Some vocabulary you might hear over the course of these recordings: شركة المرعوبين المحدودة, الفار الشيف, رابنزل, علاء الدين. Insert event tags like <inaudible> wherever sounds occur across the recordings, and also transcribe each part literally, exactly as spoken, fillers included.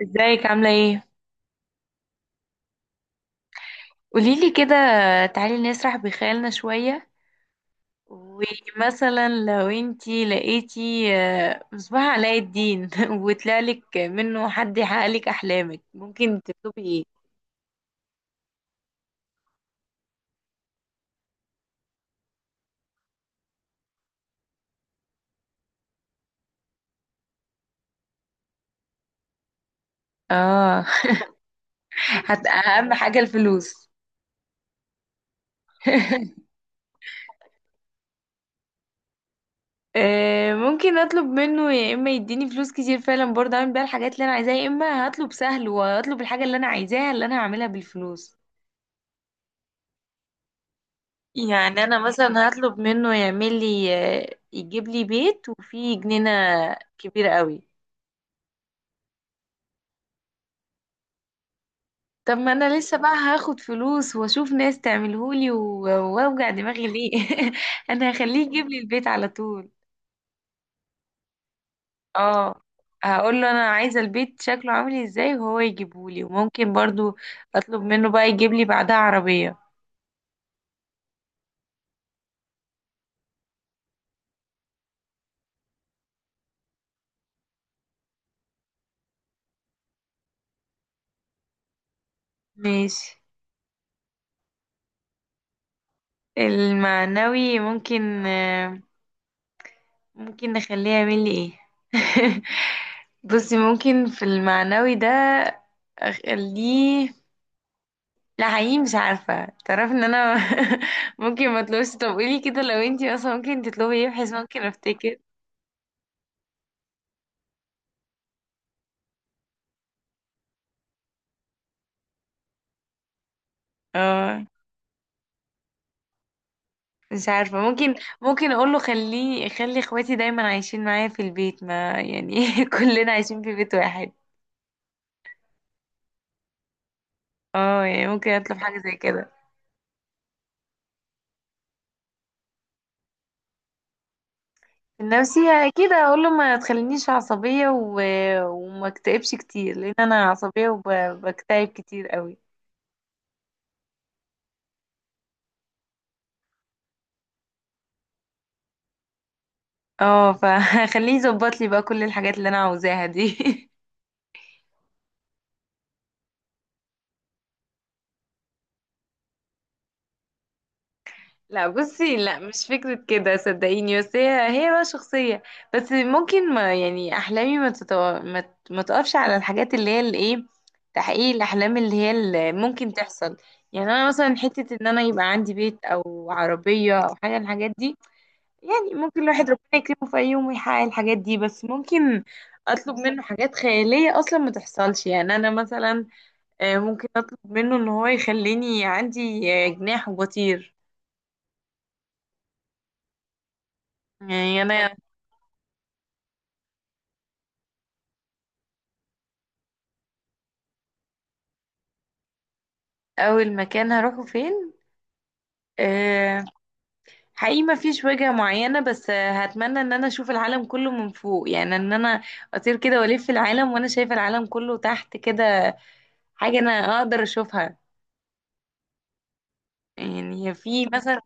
ازيك عاملة ايه؟ قوليلي كده. تعالي نسرح بخيالنا شوية، ومثلا لو انتي لقيتي آه، مصباح علاء الدين <laughs> وطلعلك منه حد يحققلك أحلامك، ممكن تكتبي ايه؟ اه. <laughs> هت- أهم حاجة الفلوس. <laughs> آه، ممكن أطلب منه يا إما يديني فلوس كتير فعلا برضه أعمل بيها الحاجات اللي أنا عايزاها، يا إما هطلب سهل وأطلب الحاجة اللي أنا عايزاها اللي أنا هعملها بالفلوس. يعني انا مثلا هطلب منه يعمل لي، آه، يجيب لي بيت وفيه جنينة كبيرة قوي. طب ما انا لسه بقى هاخد فلوس واشوف ناس تعملهولي، و- واوجع دماغي ليه؟ <laughs> انا هخليه يجيب لي البيت على طول. اه، هقول له انا عايزة البيت شكله عامل ازاي وهو يجيبهولي، وممكن برضو اطلب منه بقى يجيب لي بعدها عربية. ماشي. المعنوي ممكن ممكن نخليه يعمل لي ايه؟ <laughs> بصي، ممكن في المعنوي ده اخليه. لا حقيقي مش عارفة، تعرف ان انا. <laughs> ممكن ما اطلبش. طب قولي كده، لو انتي اصلا ممكن تطلبي ايه بحيث ممكن افتكر؟ اه، مش عارفة. ممكن ممكن اقوله خليه خلي اخواتي دايما عايشين معايا في البيت، ما يعني <laughs> كلنا عايشين في بيت واحد. اه، يعني ممكن اطلب حاجة زي كده. النفسية أكيد هقول له ما تخلينيش عصبية، و... وما اكتئبش كتير، لأن أنا عصبية وبكتئب كتير قوي. اه، فخليه <laughs> يظبط لي بقى كل الحاجات اللي أنا عاوزاها دي. <laughs> لا بصي، لا، مش فكرة كده صدقيني، بس هي هي بقى شخصية. بس ممكن، ما يعني، أحلامي ما, تتو... ما... ت- ما تقفش على الحاجات اللي هي الإيه، تحقيق الأحلام اللي هي اللي ممكن تحصل. يعني أنا مثلا حتة إن أنا يبقى عندي بيت أو عربية أو حاجة من الحاجات دي، يعني ممكن الواحد ربنا يكرمه في أي يوم ويحقق الحاجات دي. بس ممكن أطلب منه حاجات خيالية أصلا ما تحصلش. يعني أنا مثلا آه، ممكن أطلب منه إن هو يخليني عندي، آه، جناح وبطير. يعني أنا أول مكان هروحه فين؟ آه، حقيقي ما فيش وجهة معينة، بس آه، هتمنى إن أنا أشوف العالم كله من فوق، يعني إن أنا أطير كده وألف العالم وأنا شايفة العالم كله تحت كده. حاجة أنا أقدر أشوفها. يعني في مثلا،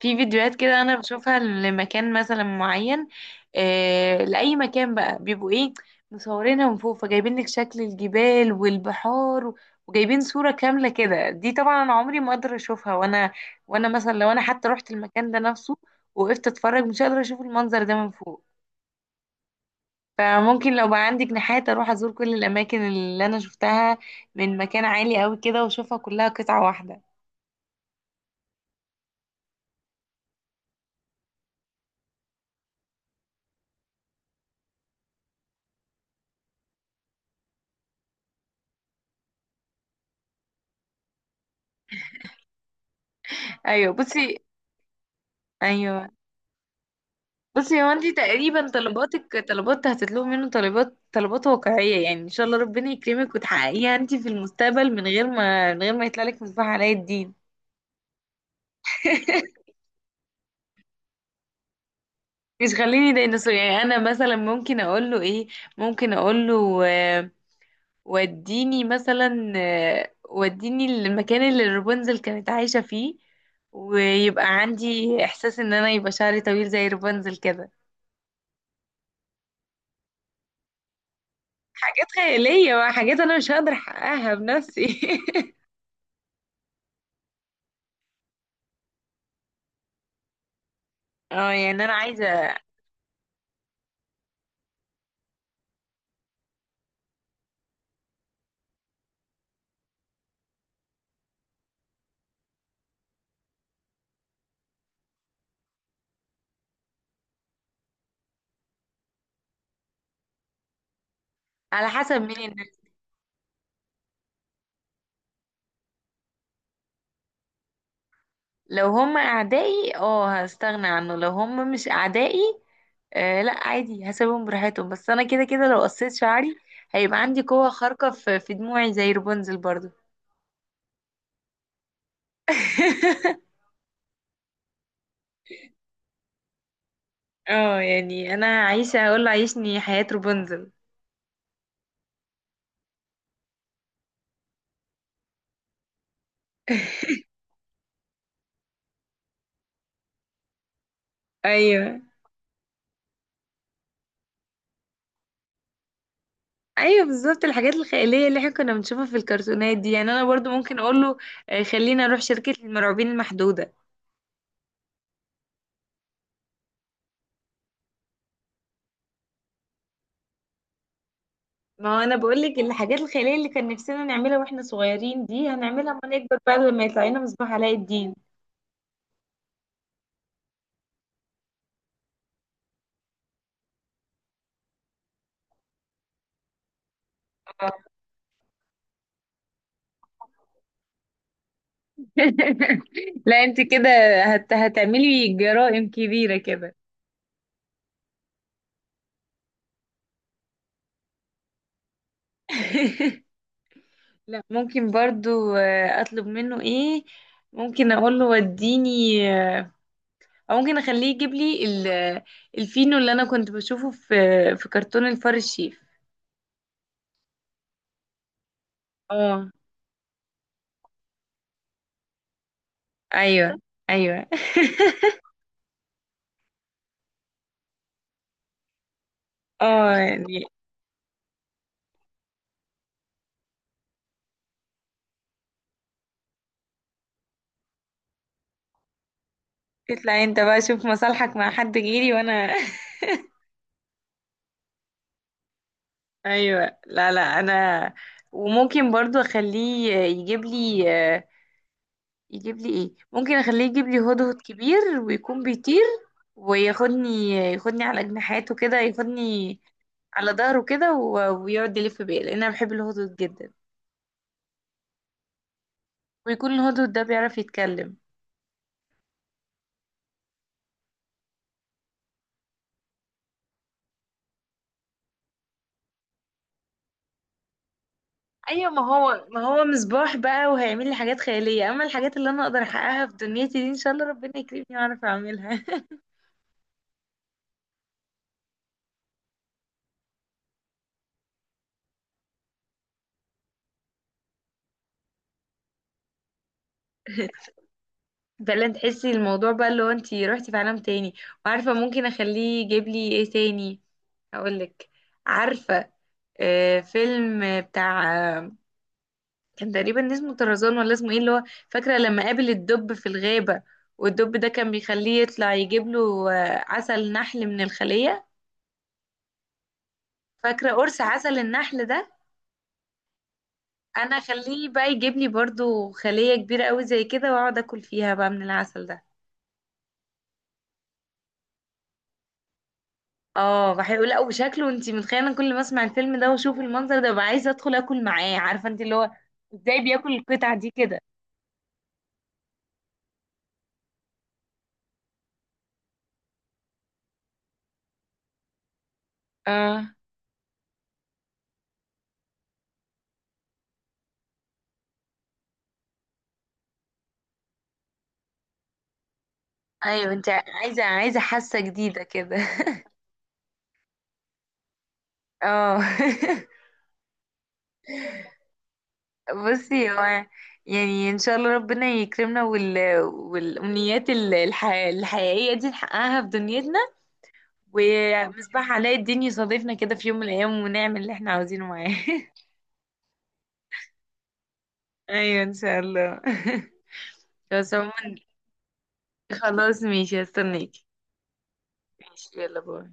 في فيديوهات كده انا بشوفها لمكان مثلا معين. آه لاي مكان بقى بيبقوا ايه، مصورينها من فوق، فجايبين لك شكل الجبال والبحار، وجايبين صورة كاملة كده. دي طبعا انا عمري ما اقدر اشوفها، وانا وانا مثلا لو انا حتى رحت المكان ده نفسه، وقفت اتفرج، مش هقدر اشوف المنظر ده من فوق. فممكن لو بقى عندك نحات، اروح ازور كل الاماكن اللي انا شفتها من مكان عالي قوي كده، واشوفها كلها قطعة واحدة. ايوه بصي ايوه بصي هو انتي تقريبا طلباتك طلبات، هتطلبي منه طلبات طلبات واقعية، يعني ان شاء الله ربنا يكرمك وتحققيها انتي في المستقبل من غير ما من غير ما يطلع لك مصباح علاء الدين. <laughs> مش خليني ديناصور. يعني انا مثلا ممكن اقول له ايه، ممكن اقول له آه، وديني مثلا آه، وديني المكان اللي رابنزل كانت عايشة فيه، ويبقى عندي احساس ان انا يبقى شعري طويل زي رابنزل كده. حاجات خيالية بقى، حاجات انا مش هقدر احققها بنفسي. <laughs> اه، يعني انا عايزه. على حسب مين الناس. لو هم اعدائي، اه، هستغنى عنه. لو هم مش اعدائي، آه لا عادي هسيبهم براحتهم. بس انا كده كده لو قصيت شعري هيبقى عندي قوه خارقه في في دموعي زي رابنزل برضو. <laughs> اه، يعني انا هعيش، هقول له عيشني حياه رابنزل. <laughs> ايوه، ايوه، بالظبط، الحاجات الخياليه اللي احنا كنا بنشوفها في الكرتونات دي، يعني انا برضو ممكن اقول له آه، خلينا اروح شركه المرعوبين المحدوده. ما هو انا بقول لك الحاجات الخياليه اللي كان نفسنا نعملها واحنا صغيرين دي هنعملها لما نكبر بقى، لما يطلع لنا مصباح علاء الدين. آه. <laughs> لا انت كده هت... هتعملي جرائم كبيرة كده. <laughs> لا، ممكن برضو آه، اطلب منه ايه. ممكن اقول له وديني، آه، او ممكن اخليه يجيب لي ال... آه، الفينو اللي انا كنت بشوفه في في كرتون الفار الشيف. اه، ايوه، ايوه. <laughs> اه، يعني تطلع انت بقى شوف مصالحك مع حد غيري وانا. <laughs> ايوه، لا، لا، انا. وممكن برضو اخليه يجيب لي يجيب لي ايه، ممكن اخليه يجيب لي هدهد كبير ويكون بيطير، وياخدني ياخدني على جناحاته كده، ياخدني على ظهره كده، و- ويقعد يلف بيا، لان انا بحب الهدهد جدا، ويكون الهدهد ده بيعرف يتكلم. ايوه، ما هو ما هو مصباح بقى وهيعمل لي حاجات خياليه. اما الحاجات اللي انا اقدر احققها في دنيتي دي، ان شاء الله ربنا يكرمني واعرف اعملها. <laughs> فعلا تحسي الموضوع بقى اللي هو انتي روحتي في عالم تاني. وعارفة ممكن اخليه يجيب لي ايه تاني؟ هقولك. عارفة، آه فيلم بتاع، آه، كان تقريبا اسمه طرزان ولا اسمه ايه اللي هو، فاكرة لما قابل الدب في الغابة، والدب ده كان بيخليه يطلع يجيب له آه، عسل نحل من الخلية. فاكرة قرص عسل النحل ده؟ انا اخليه بقى يجيب لي برضو خلية كبيرة قوي زي كده، واقعد اكل فيها بقى من العسل ده. اه بحب، لا وشكله انت متخيله، انا كل ما اسمع الفيلم ده واشوف المنظر ده ببقى عايزه ادخل اكل معاه. عارفه انت اللي هو ازاي بياكل القطعه دي كده. اه، ايوه، انت عايزه عايزه حاسه جديده كده. اه. <laughs> بصي هو، يعني ان شاء الله ربنا يكرمنا، وال... والامنيات ال- الح... الحقيقيه دي نحققها في دنيتنا، ومصباح علاء الدين يصادفنا كده في يوم من الايام ونعمل اللي احنا عاوزينه معاه. <laughs> ايوه، ان شاء الله. <laughs> بس عموما. خلاص ماشي، هستناك. ماشي، يلا باي.